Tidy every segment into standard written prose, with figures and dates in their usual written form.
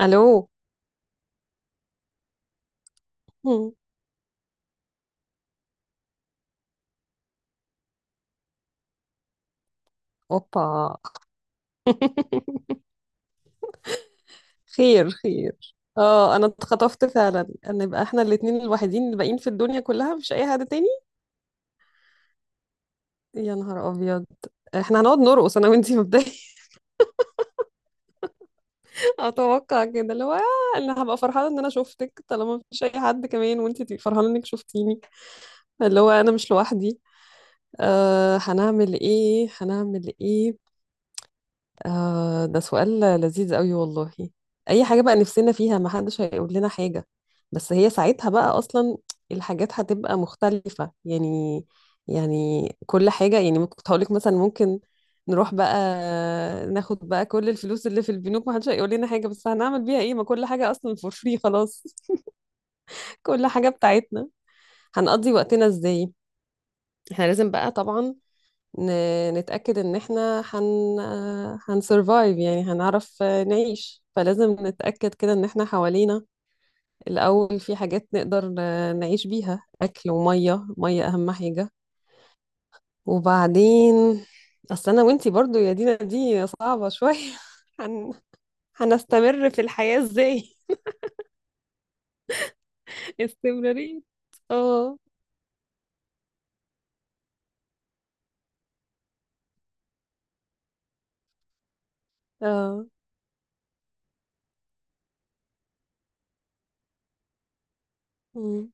الو. مم. اوبا. خير خير. اه، انا اتخطفت فعلا ان يبقى احنا الاتنين الوحيدين الباقيين في الدنيا كلها، مش اي حد تاني. يا نهار ابيض. احنا هنقعد نرقص انا وانتي مبدئيا. اتوقع كده اللي هو انا هبقى فرحانه ان انا شفتك طالما مفيش اي حد كمان، وانتي تبقي فرحانه انك شفتيني. اللي هو انا مش لوحدي. هنعمل ايه؟ هنعمل ايه؟ آه، ده سؤال لذيذ قوي والله. اي حاجة بقى نفسنا فيها ما حدش هيقول لنا حاجة. بس هي ساعتها بقى اصلا الحاجات هتبقى مختلفة يعني. يعني كل حاجة، يعني كنت هقولك مثلا ممكن نروح بقى، ناخد بقى كل الفلوس اللي في البنوك، ما حدش هيقول لنا حاجة. بس هنعمل بيها ايه؟ ما كل حاجة اصلا فور فري خلاص. كل حاجة بتاعتنا. هنقضي وقتنا ازاي؟ احنا لازم بقى طبعا نتأكد إن إحنا هنسرفايف، يعني هنعرف نعيش. فلازم نتأكد كده إن إحنا حوالينا الأول في حاجات نقدر نعيش بيها، أكل ومية. مية أهم حاجة. وبعدين أصل أنا وإنتي برضو يا دينا دي صعبة شوية. هن... هنستمر في الحياة إزاي؟ استمرارية. اه. اه. مم.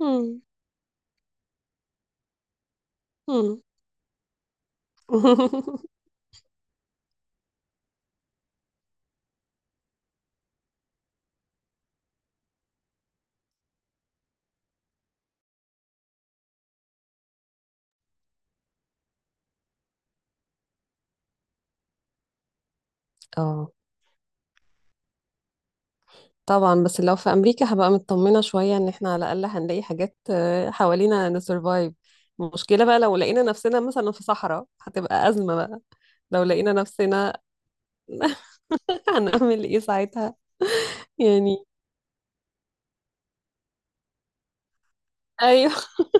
مم. مم. اه طبعا، بس لو في امريكا هبقى مطمنه شويه ان احنا على الاقل هنلاقي حاجات حوالينا نسرفايف. المشكله بقى لو لقينا نفسنا مثلا في صحراء هتبقى ازمه بقى. لو لقينا نفسنا... هنعمل ايه ساعتها يعني؟ ايوه.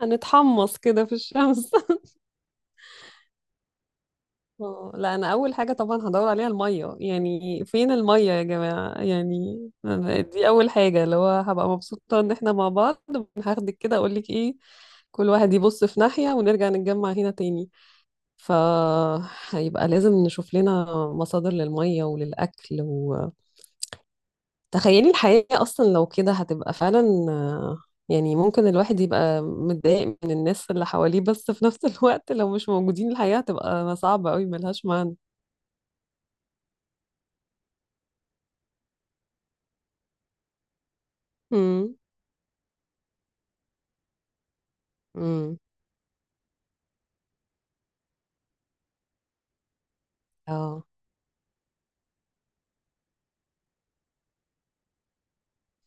هنتحمص كده في الشمس. لا انا اول حاجه طبعا هدور عليها الميه. يعني فين الميه يا جماعه؟ يعني أنا دي اول حاجه اللي هو هبقى مبسوطه ان احنا مع بعض. هاخدك كده اقول لك ايه، كل واحد يبص في ناحيه ونرجع نتجمع هنا تاني. فهيبقى لازم نشوف لنا مصادر للمية وللأكل. وتخيلي الحياة أصلا لو كده هتبقى فعلا، آه، يعني ممكن الواحد يبقى متضايق من الناس اللي حواليه، بس في نفس الوقت لو مش موجودين الحياة هتبقى صعبة أوي، ملهاش معنى. امم. امم. اه.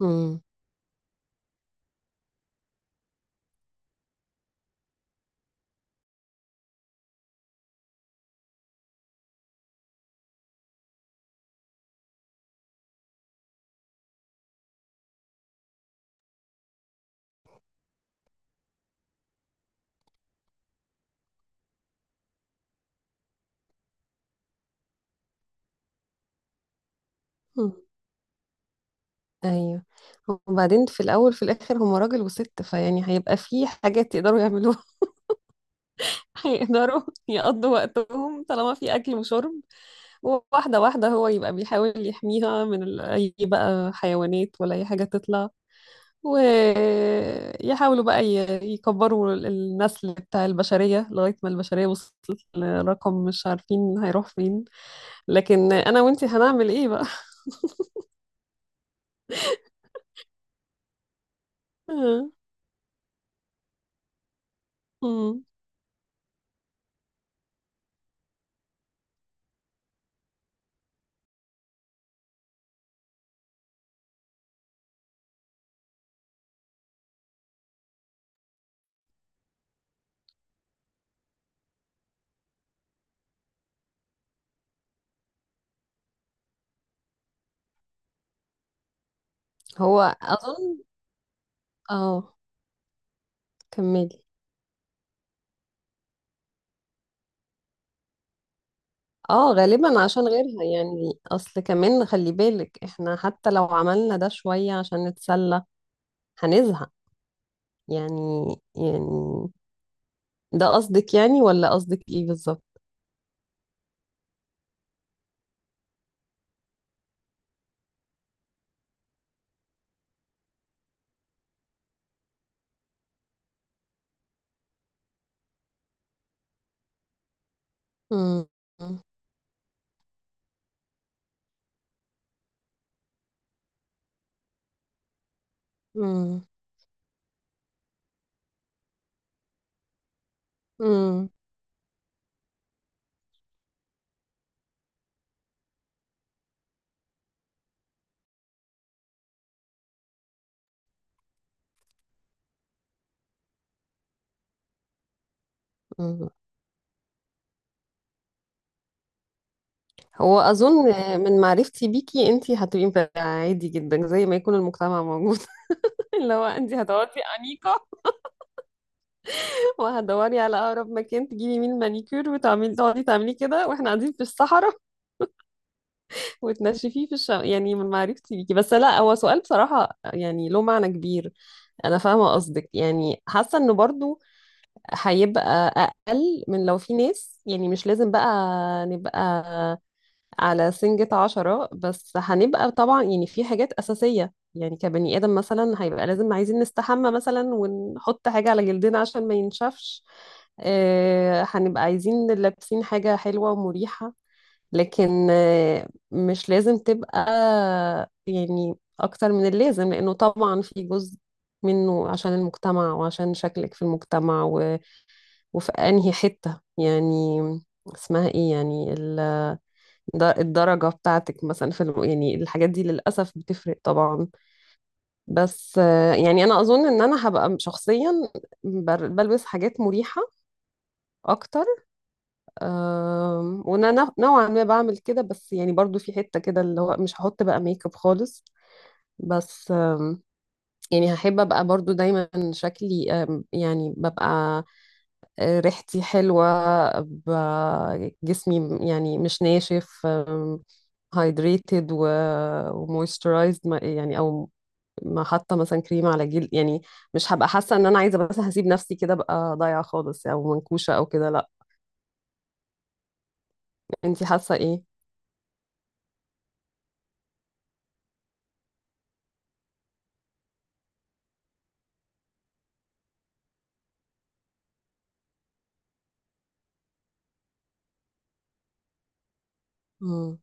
امم. أمم. ايوه. وبعدين في الاول في الاخر هما راجل وست، فيعني هيبقى في حاجات يقدروا يعملوها. هيقدروا يقضوا وقتهم طالما في اكل وشرب. واحدة واحدة، هو يبقى بيحاول يحميها من أي بقى حيوانات ولا أي حاجة تطلع. ويحاولوا بقى يكبروا النسل بتاع البشرية لغاية ما البشرية وصلت لرقم مش عارفين هيروح فين. لكن أنا وإنتي هنعمل إيه بقى؟ آه. مم. هو أظن... آه كملي. اه، غالبا عشان غيرها. يعني اصل كمان خلي بالك احنا حتى لو عملنا ده شوية عشان نتسلى هنزهق، يعني، يعني ده قصدك يعني؟ ولا قصدك ايه بالظبط؟ مم. مم. مم. مم. هو اظن من معرفتي بيكي انتي هتبقي مفرقة عادي جدا زي ما يكون المجتمع موجود. اللي هو انتي هتقعدي انيقه وهتدوري على اقرب مكان تجيبي مين مانيكير، وتعملي تقعدي تعملي كده واحنا قاعدين في الصحراء. وتنشفيه في الشم، يعني من معرفتي بيكي. بس لا، هو سؤال بصراحه يعني له معنى كبير. انا فاهمه قصدك، يعني حاسه انه برضو هيبقى أقل من لو في ناس، يعني مش لازم بقى نبقى على سنجة عشرة. بس هنبقى طبعا يعني في حاجات أساسية، يعني كبني آدم مثلا هيبقى لازم عايزين نستحمى مثلا، ونحط حاجة على جلدنا عشان ما ينشفش. هنبقى عايزين لابسين حاجة حلوة ومريحة. لكن مش لازم تبقى يعني أكتر من اللازم، لأنه طبعا في جزء منه عشان المجتمع وعشان شكلك في المجتمع، وفي انهي حتة يعني اسمها ايه يعني الدرجة بتاعتك مثلا في يعني الحاجات دي للأسف بتفرق طبعا. بس يعني أنا أظن إن أنا هبقى شخصيا بلبس حاجات مريحة أكتر. وأنا نوعا ما بعمل كده، بس يعني برضو في حتة كده اللي هو مش هحط بقى ميك اب خالص. بس يعني هحب أبقى برضو دايما شكلي يعني ببقى ريحتي حلوة، جسمي يعني مش ناشف، هايدريتد ومويسترايزد يعني، او ما حاطه مثلا كريم على جلد. يعني مش هبقى حاسه ان انا عايزه، بس هسيب نفسي كده بقى ضايعه خالص او منكوشه او كده، لا. انتي حاسه ايه؟ مم.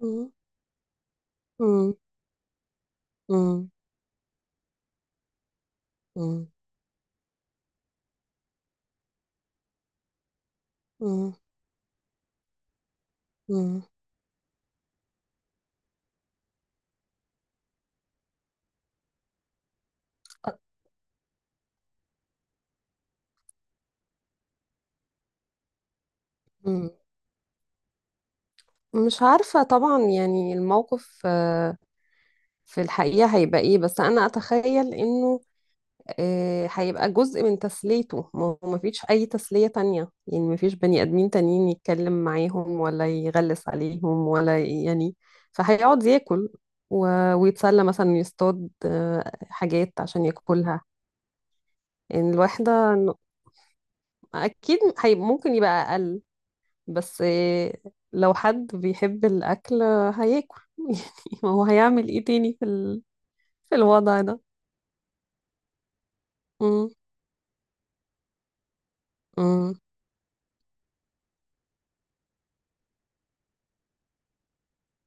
مم. مم. مم. مم. مم. مم. مم. مش عارفة طبعا يعني الموقف في الحقيقة هيبقى ايه، بس انا اتخيل انه هيبقى جزء من تسليته، ما هو مفيش أي تسلية تانية. يعني مفيش بني آدمين تانيين يتكلم معاهم ولا يغلس عليهم ولا يعني فهيقعد ياكل ويتسلى مثلا يصطاد حاجات عشان ياكلها. يعني الواحدة أكيد هي ممكن يبقى أقل. بس لو حد بيحب الأكل هياكل. يعني ما هو هيعمل إيه تاني في في الوضع ده؟ مم. مم.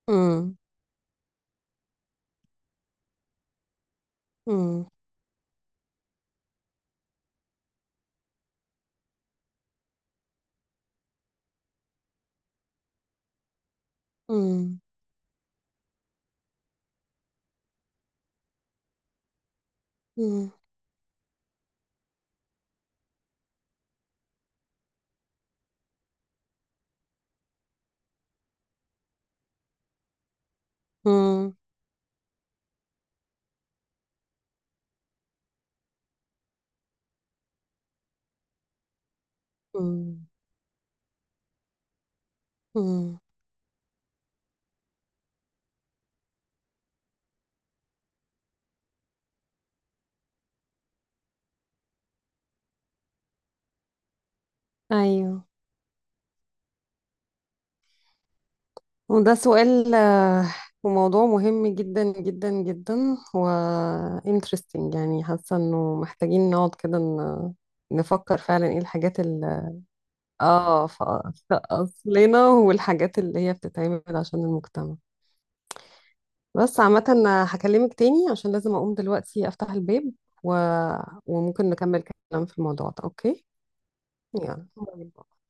مم. مم. مم. مم. مم. مم. مم. ايوه. وده سؤال وموضوع مهم جدا جدا جدا و interesting. يعني حاسه انه محتاجين نقعد كده نفكر فعلا ايه الحاجات اللي اه في اصلنا، والحاجات اللي هي بتتعمل عشان المجتمع. بس عامه أنا هكلمك تاني عشان لازم اقوم دلوقتي افتح الباب، و... وممكن نكمل كلام في الموضوع ده. اوكي. يلا باي باي.